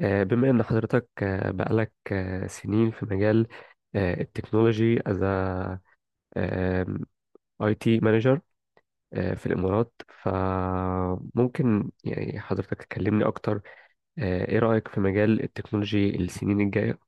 بما إن حضرتك بقالك سنين في مجال التكنولوجي، از اي تي مانجر في الإمارات، فممكن يعني حضرتك تكلمني أكتر. إيه رأيك في مجال التكنولوجي السنين الجاية؟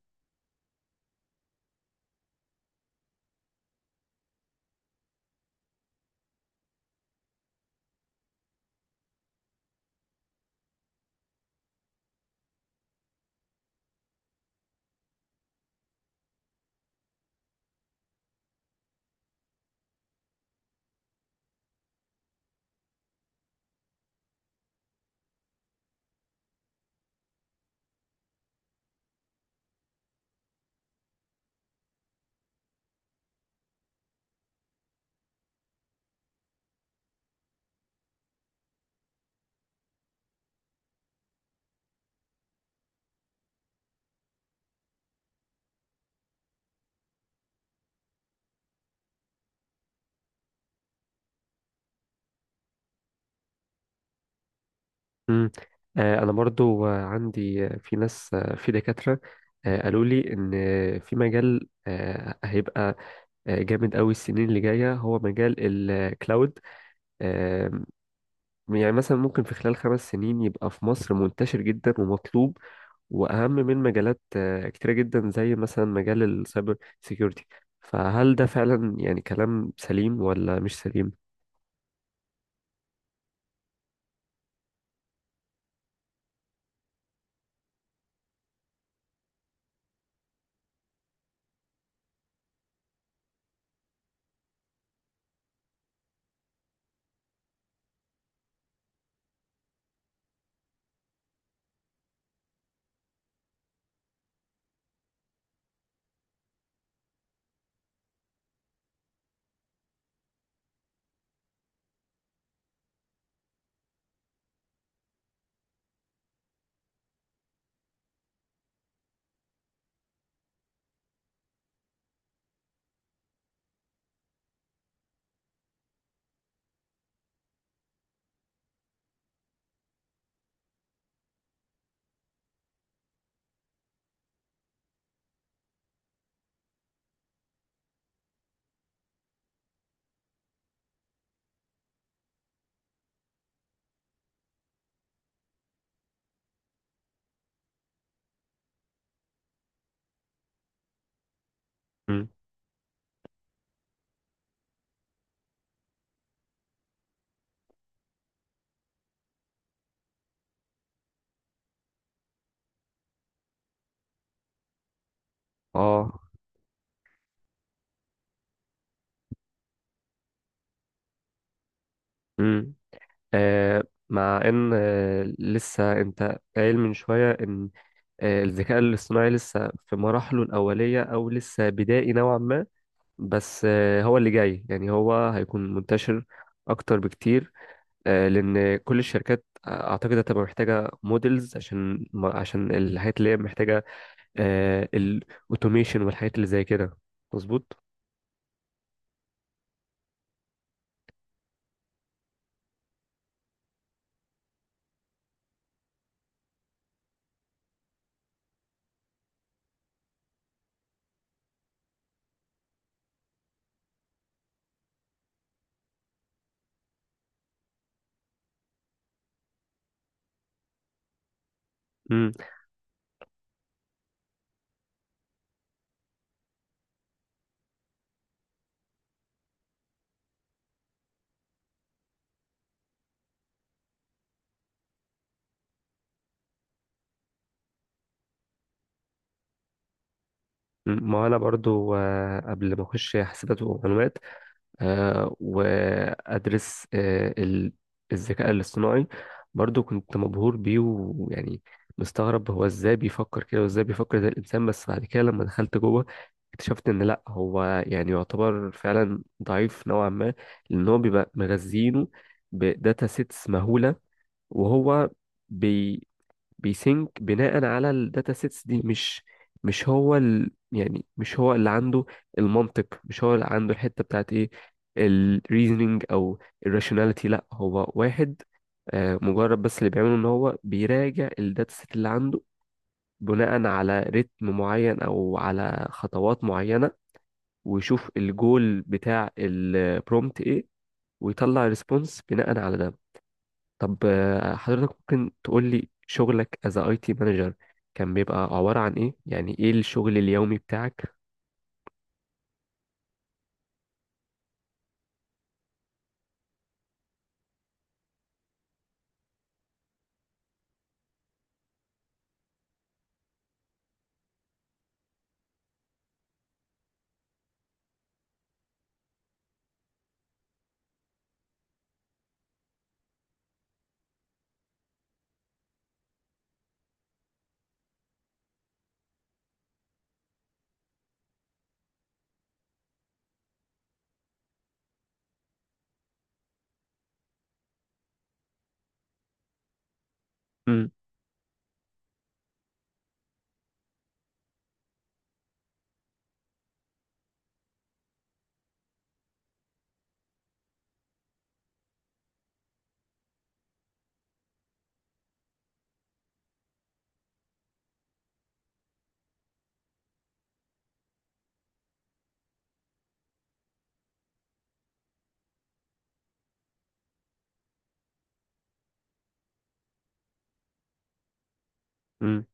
مم. أنا برضو عندي في ناس، في دكاترة قالوا لي إن في مجال هيبقى جامد أوي السنين اللي جاية هو مجال الكلاود. يعني مثلا ممكن في خلال خمس سنين يبقى في مصر منتشر جدا ومطلوب، وأهم من مجالات كتيرة جدا زي مثلا مجال السايبر سيكيورتي. فهل ده فعلا يعني كلام سليم ولا مش سليم؟ مم. اه. مم. آه مع ان لسه انت قايل من شوية ان الذكاء الاصطناعي لسه في مراحله الأولية او لسه بدائي نوعا ما، بس هو اللي جاي، يعني هو هيكون منتشر اكتر بكتير، لان كل الشركات، اعتقد هتبقى محتاجه موديلز عشان عشان الحاجات اللي هي محتاجه الاوتوميشن والحاجات اللي زي كده. مظبوط. امم. ما انا برضو قبل ما اخش حاسبات ومعلومات وأدرس الذكاء الاصطناعي، برضو كنت مبهور بيه، ويعني مستغرب هو ازاي بيفكر كده وازاي بيفكر زي الإنسان. بس بعد كده لما دخلت جوه اكتشفت ان لا، هو يعني يعتبر فعلا ضعيف نوعا ما، لان هو بيبقى مغذينه بداتا سيتس مهولة، وهو بي بيسينك بناء على الداتا سيتس دي. مش هو ال، يعني مش هو اللي عنده المنطق، مش هو اللي عنده الحتة بتاعت ايه، الريزنينج او الراشوناليتي. لا، هو واحد مجرد، بس اللي بيعمله ان هو بيراجع الداتا سيت اللي عنده بناء على رتم معين او على خطوات معينة، ويشوف الجول بتاع البرومت ايه، ويطلع ريسبونس بناء على ده. طب حضرتك ممكن تقول لي شغلك از اي تي مانجر كان بيبقى عبارة عن ايه؟ يعني ايه الشغل اليومي بتاعك؟ امم. امم.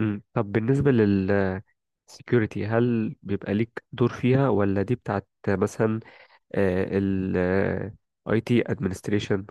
امم. طب بالنسبة لل security، هل بيبقى ليك دور فيها ولا دي بتاعت مثلا آه، ال آه، IT administration؟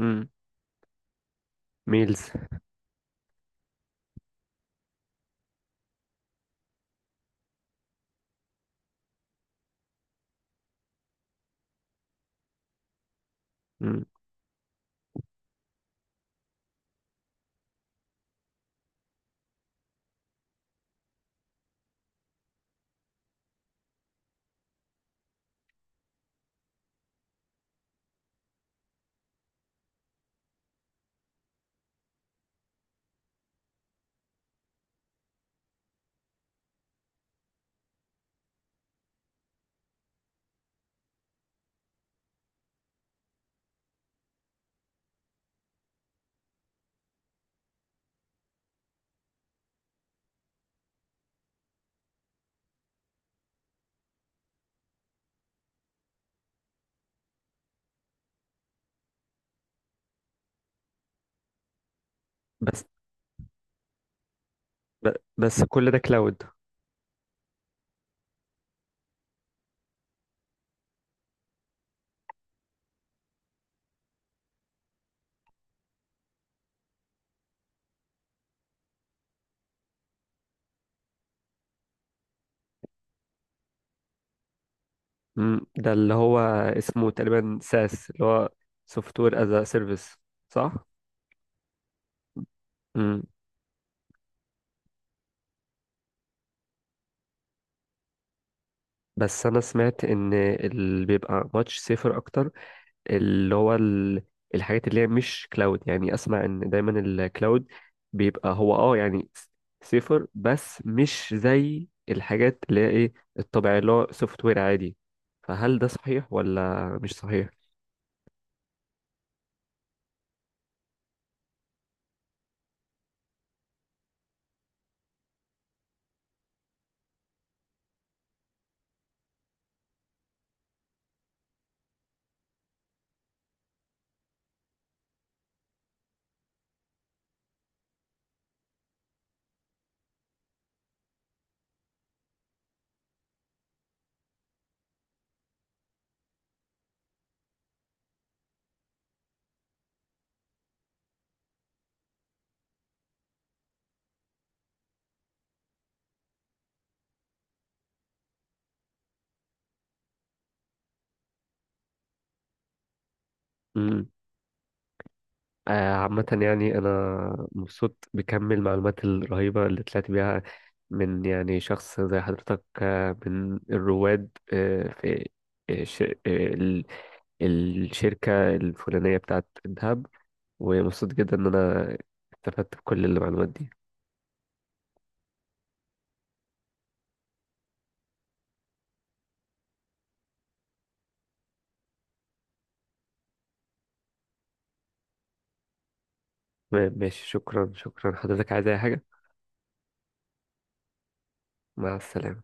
امم. ميلز. امم. بس بس كل ده كلاود؟ امم. ده اللي هو اسمه تقريبا ساس، اللي هو سوفت وير از سيرفيس، صح؟ بس انا سمعت ان اللي بيبقى ماتش سيفر اكتر اللي هو الحاجات اللي هي مش كلاود، يعني اسمع ان دايما الكلاود بيبقى هو اه يعني سيفر، بس مش زي الحاجات اللي هي ايه الطبيعي اللي هو سوفت وير عادي. فهل ده صحيح ولا مش صحيح؟ عامة يعني أنا مبسوط بكم المعلومات الرهيبة اللي طلعت بيها من يعني شخص زي حضرتك، من الرواد في آه، ش- آه، ال- الشركة الفلانية بتاعت الذهب، ومبسوط جدا إن أنا استفدت بكل المعلومات دي. تمام، ماشي، شكرا، شكرا. حضرتك عايز أي حاجة؟ مع السلامة.